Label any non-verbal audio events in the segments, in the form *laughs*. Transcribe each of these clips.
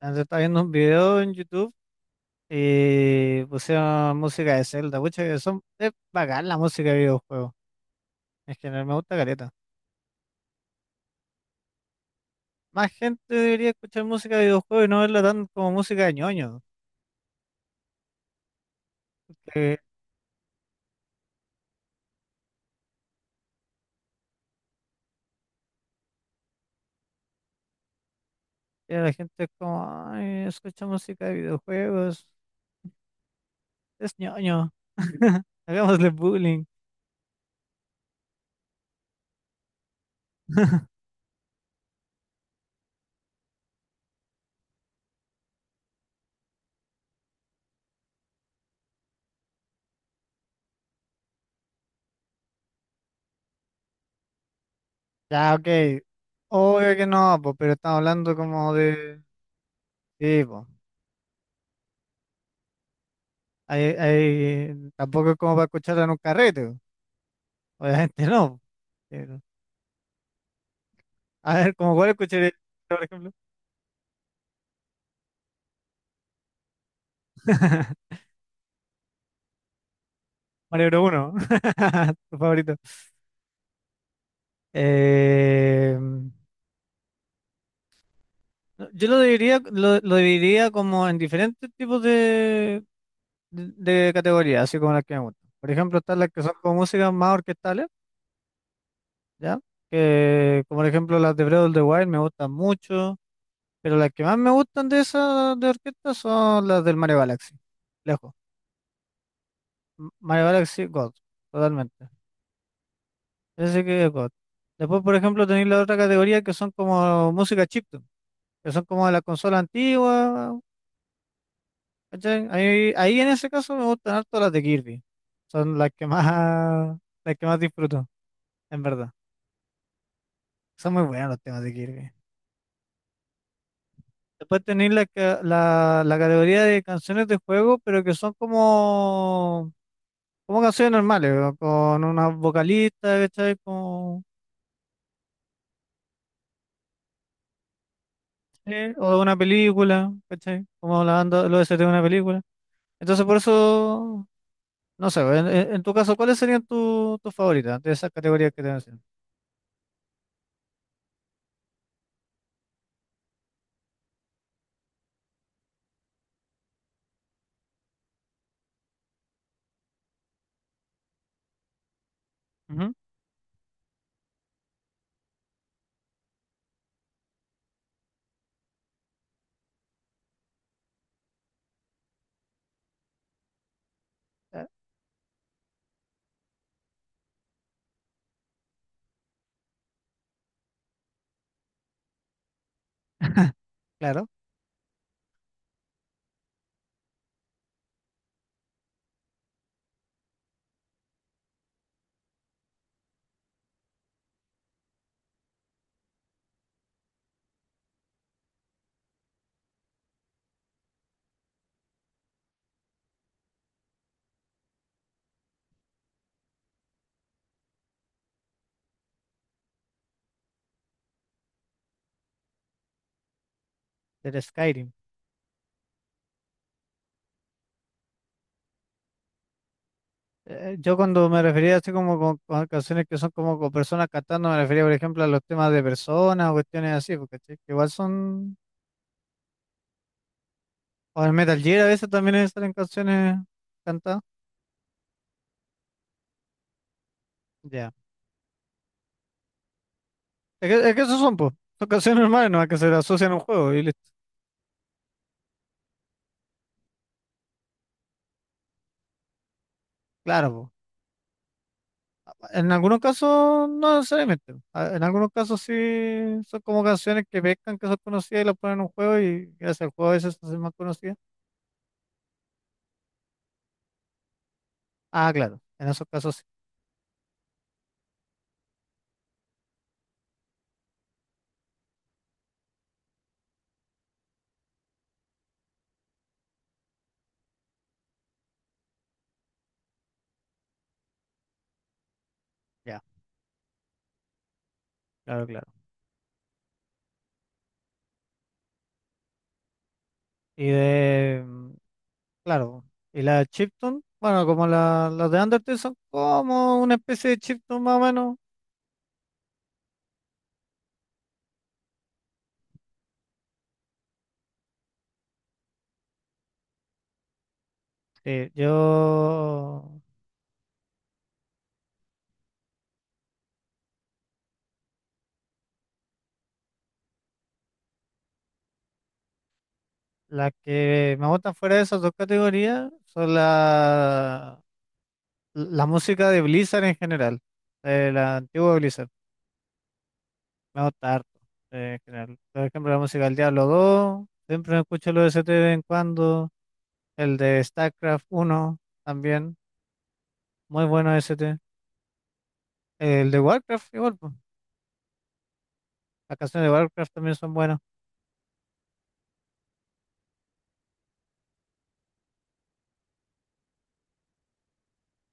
Antes estaba viendo un video en YouTube y pusieron música de Zelda. Pucha, es bacán la música de videojuegos. En general me gusta careta. Más gente debería escuchar música de videojuegos y no verla tan como música de ñoño. Que ya la gente es como, ay, escucha música de videojuegos, es ñoño. *laughs* Hagámosle bullying. *laughs* Ya, ok. Obvio que no, po, pero estamos hablando como de. Sí, po. Tampoco es como para escucharla en un carrete, po. Obviamente no. A ver, ¿cómo cuál escucharía, por ejemplo? Mario Bros 1, *laughs* tu favorito. No, yo lo dividiría, lo dividiría como en diferentes tipos de, de categorías, así como las que me gustan. Por ejemplo, están las que son como músicas más orquestales, ¿ya? Que, como por ejemplo, las de Breath of the Wild me gustan mucho, pero las que más me gustan de esas de orquesta son las del Mario Galaxy, lejos. Mario Galaxy God, totalmente. Ese que es God. Después, por ejemplo, tenéis la otra categoría que son como música chiptune, que son como de la consola antigua, ¿cachai? Ahí en ese caso me gustan harto las de Kirby. Son las que más disfruto, en verdad. Son muy buenos los temas de Kirby. Después tenéis la categoría de canciones de juego, pero que son como canciones normales, ¿no? Con una vocalista, ¿cachai? Como, ¿sí? O de una película, ¿cachai? Como la banda, los OST de una película. Entonces, por eso, no sé, en tu caso, ¿cuáles serían tus favoritas de esas categorías que te mencioné? Ujú, eh, claro, del Skyrim. Yo cuando me refería así como con canciones que son como con personas cantando, me refería, por ejemplo, a los temas de personas o cuestiones así, porque sí, que igual son. O en Metal Gear a veces también salen canciones cantadas. Ya. Es que esos son, pues, son canciones normales, no es que se le asocian a un juego y listo. Claro, po. En algunos casos, no necesariamente. En algunos casos sí son como canciones que pescan que son conocidas y las ponen en un juego y gracias al juego a veces se hacen más conocidas. Ah, claro, en esos casos sí. Ya, claro, claro. Y de, claro, y la chiptune, bueno, como las de Undertale son como una especie de chiptune más o menos. Sí, yo, las que me gustan fuera de esas dos categorías son la música de Blizzard en general, de la antigua Blizzard. Me gusta harto. En general, por ejemplo, la música del Diablo dos, siempre me escucho los ST de vez en cuando. El de StarCraft uno también. Muy bueno ST. El de Warcraft igual, pues. Las canciones de Warcraft también son buenas.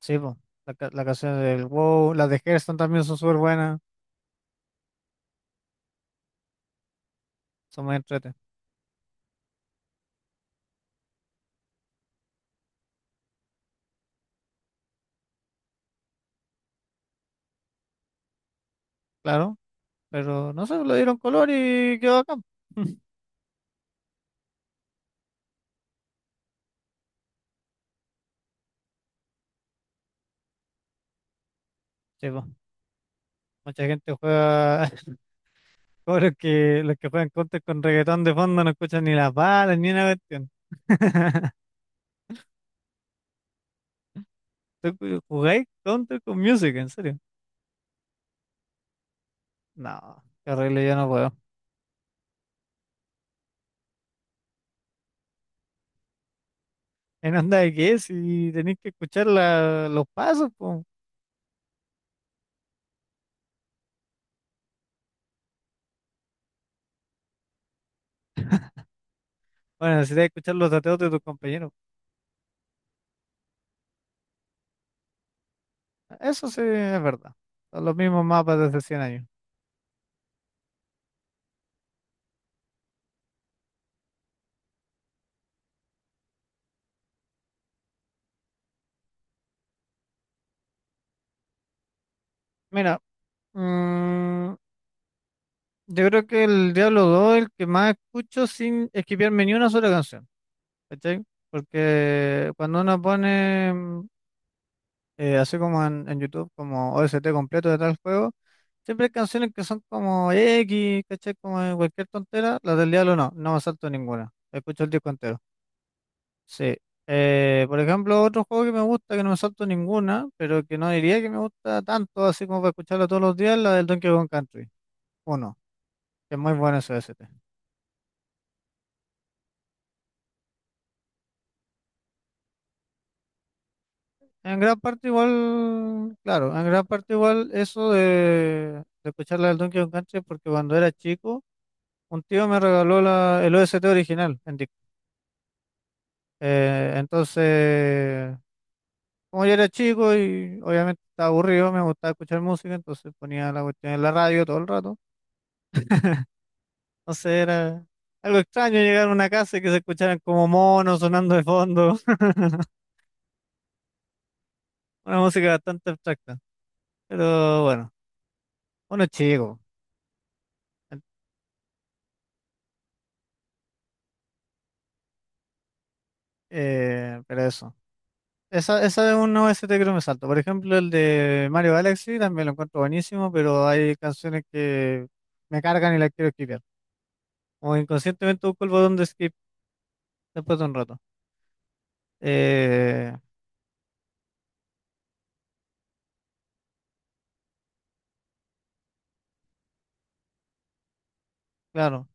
Sí, pues. La canción del WoW. Las de Hearthstone también son súper buenas. Son muy entretenidas. Claro. Pero no sé, le dieron color y quedó acá. *laughs* Sí, po. Mucha gente juega, *laughs* como los que juegan Counter con reggaetón de fondo no escuchan ni las balas ni una cuestión. *laughs* ¿Tú jugáis Counter con Music? ¿En serio? No, qué horrible, yo no puedo. En onda de qué, si tenéis que escuchar los pasos, pues. Bueno, necesitáis escuchar los dateos de tus compañeros. Eso sí es verdad. Son los mismos mapas desde 100 años. Mira, mm, yo creo que el Diablo 2 es el que más escucho sin esquipearme ni una sola canción. ¿Cachai? Porque cuando uno pone así como en, YouTube, como OST completo de tal juego. Siempre hay canciones que son como X, ¿cachai? Como de cualquier tontera. Las del Diablo no, no me salto ninguna. Escucho el disco entero. Sí. Por ejemplo, otro juego que me gusta, que no me salto ninguna, pero que no diría que me gusta tanto, así como para escucharlo todos los días, la del Donkey Kong Country. Uno, que es muy bueno ese OST. En gran parte igual, claro, en gran parte igual eso de escuchar la del Donkey Kong Country, porque cuando era chico. Un tío me regaló la, el OST original en disco. Entonces, como yo era chico y obviamente estaba aburrido, me gustaba escuchar música, entonces ponía la cuestión en la radio todo el rato. Entonces era algo extraño llegar a una casa y que se escucharan como monos sonando de fondo. *laughs* Una música bastante abstracta. Pero bueno, uno es chico. Pero eso. Esa es uno de ST que no me salto. Por ejemplo, el de Mario Galaxy también lo encuentro buenísimo, pero hay canciones que me cargan y las quiero skipear. O inconscientemente busco el botón de skip después de un rato. Eh, claro,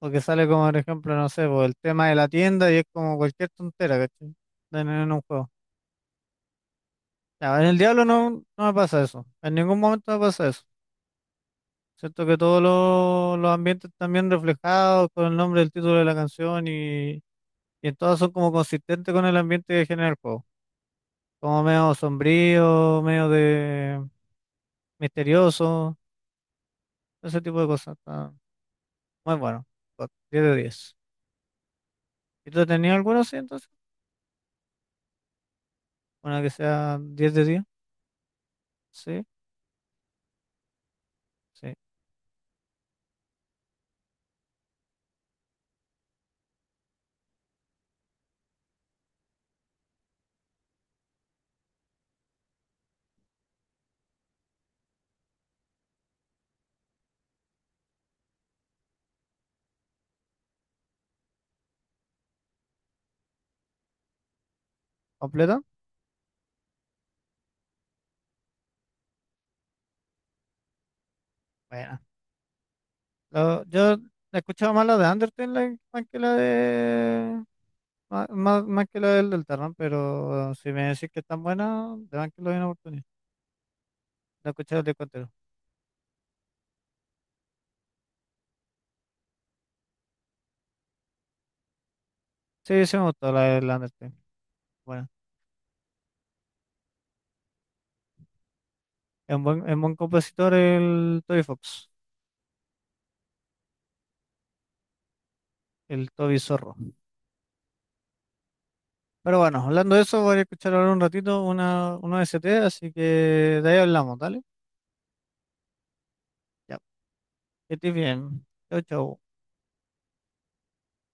porque sale como, por ejemplo, no sé, pues, el tema de la tienda y es como cualquier tontera, ¿cachai? En un juego. Ya, en el Diablo no, no me pasa eso. En ningún momento me pasa eso. Siento que todos los ambientes están bien reflejados con el nombre del título de la canción y en todas son como consistentes con el ambiente que genera el juego. Como medio sombrío, medio de misterioso, ese tipo de cosas. Está muy bueno. Got 10 de diez. ¿Y tú tenías alguna así entonces? Una que sea 10 de 10. Sí, sí. ¿Completa? Bueno. Yo he escuchado más la de Undertale like, más que la de. Más que la del Deltarune, pero si me decís que es tan buena, de verdad que lo doy una oportunidad. La he escuchado de contero. Sí, sí me gustó la del Undertale. Bueno. Es un buen compositor el Toby Fox, el Toby Zorro. Pero bueno, hablando de eso, voy a escuchar ahora un ratito una ST así que de ahí hablamos, ¿dale? Ya, que estés bien. Chau, chau.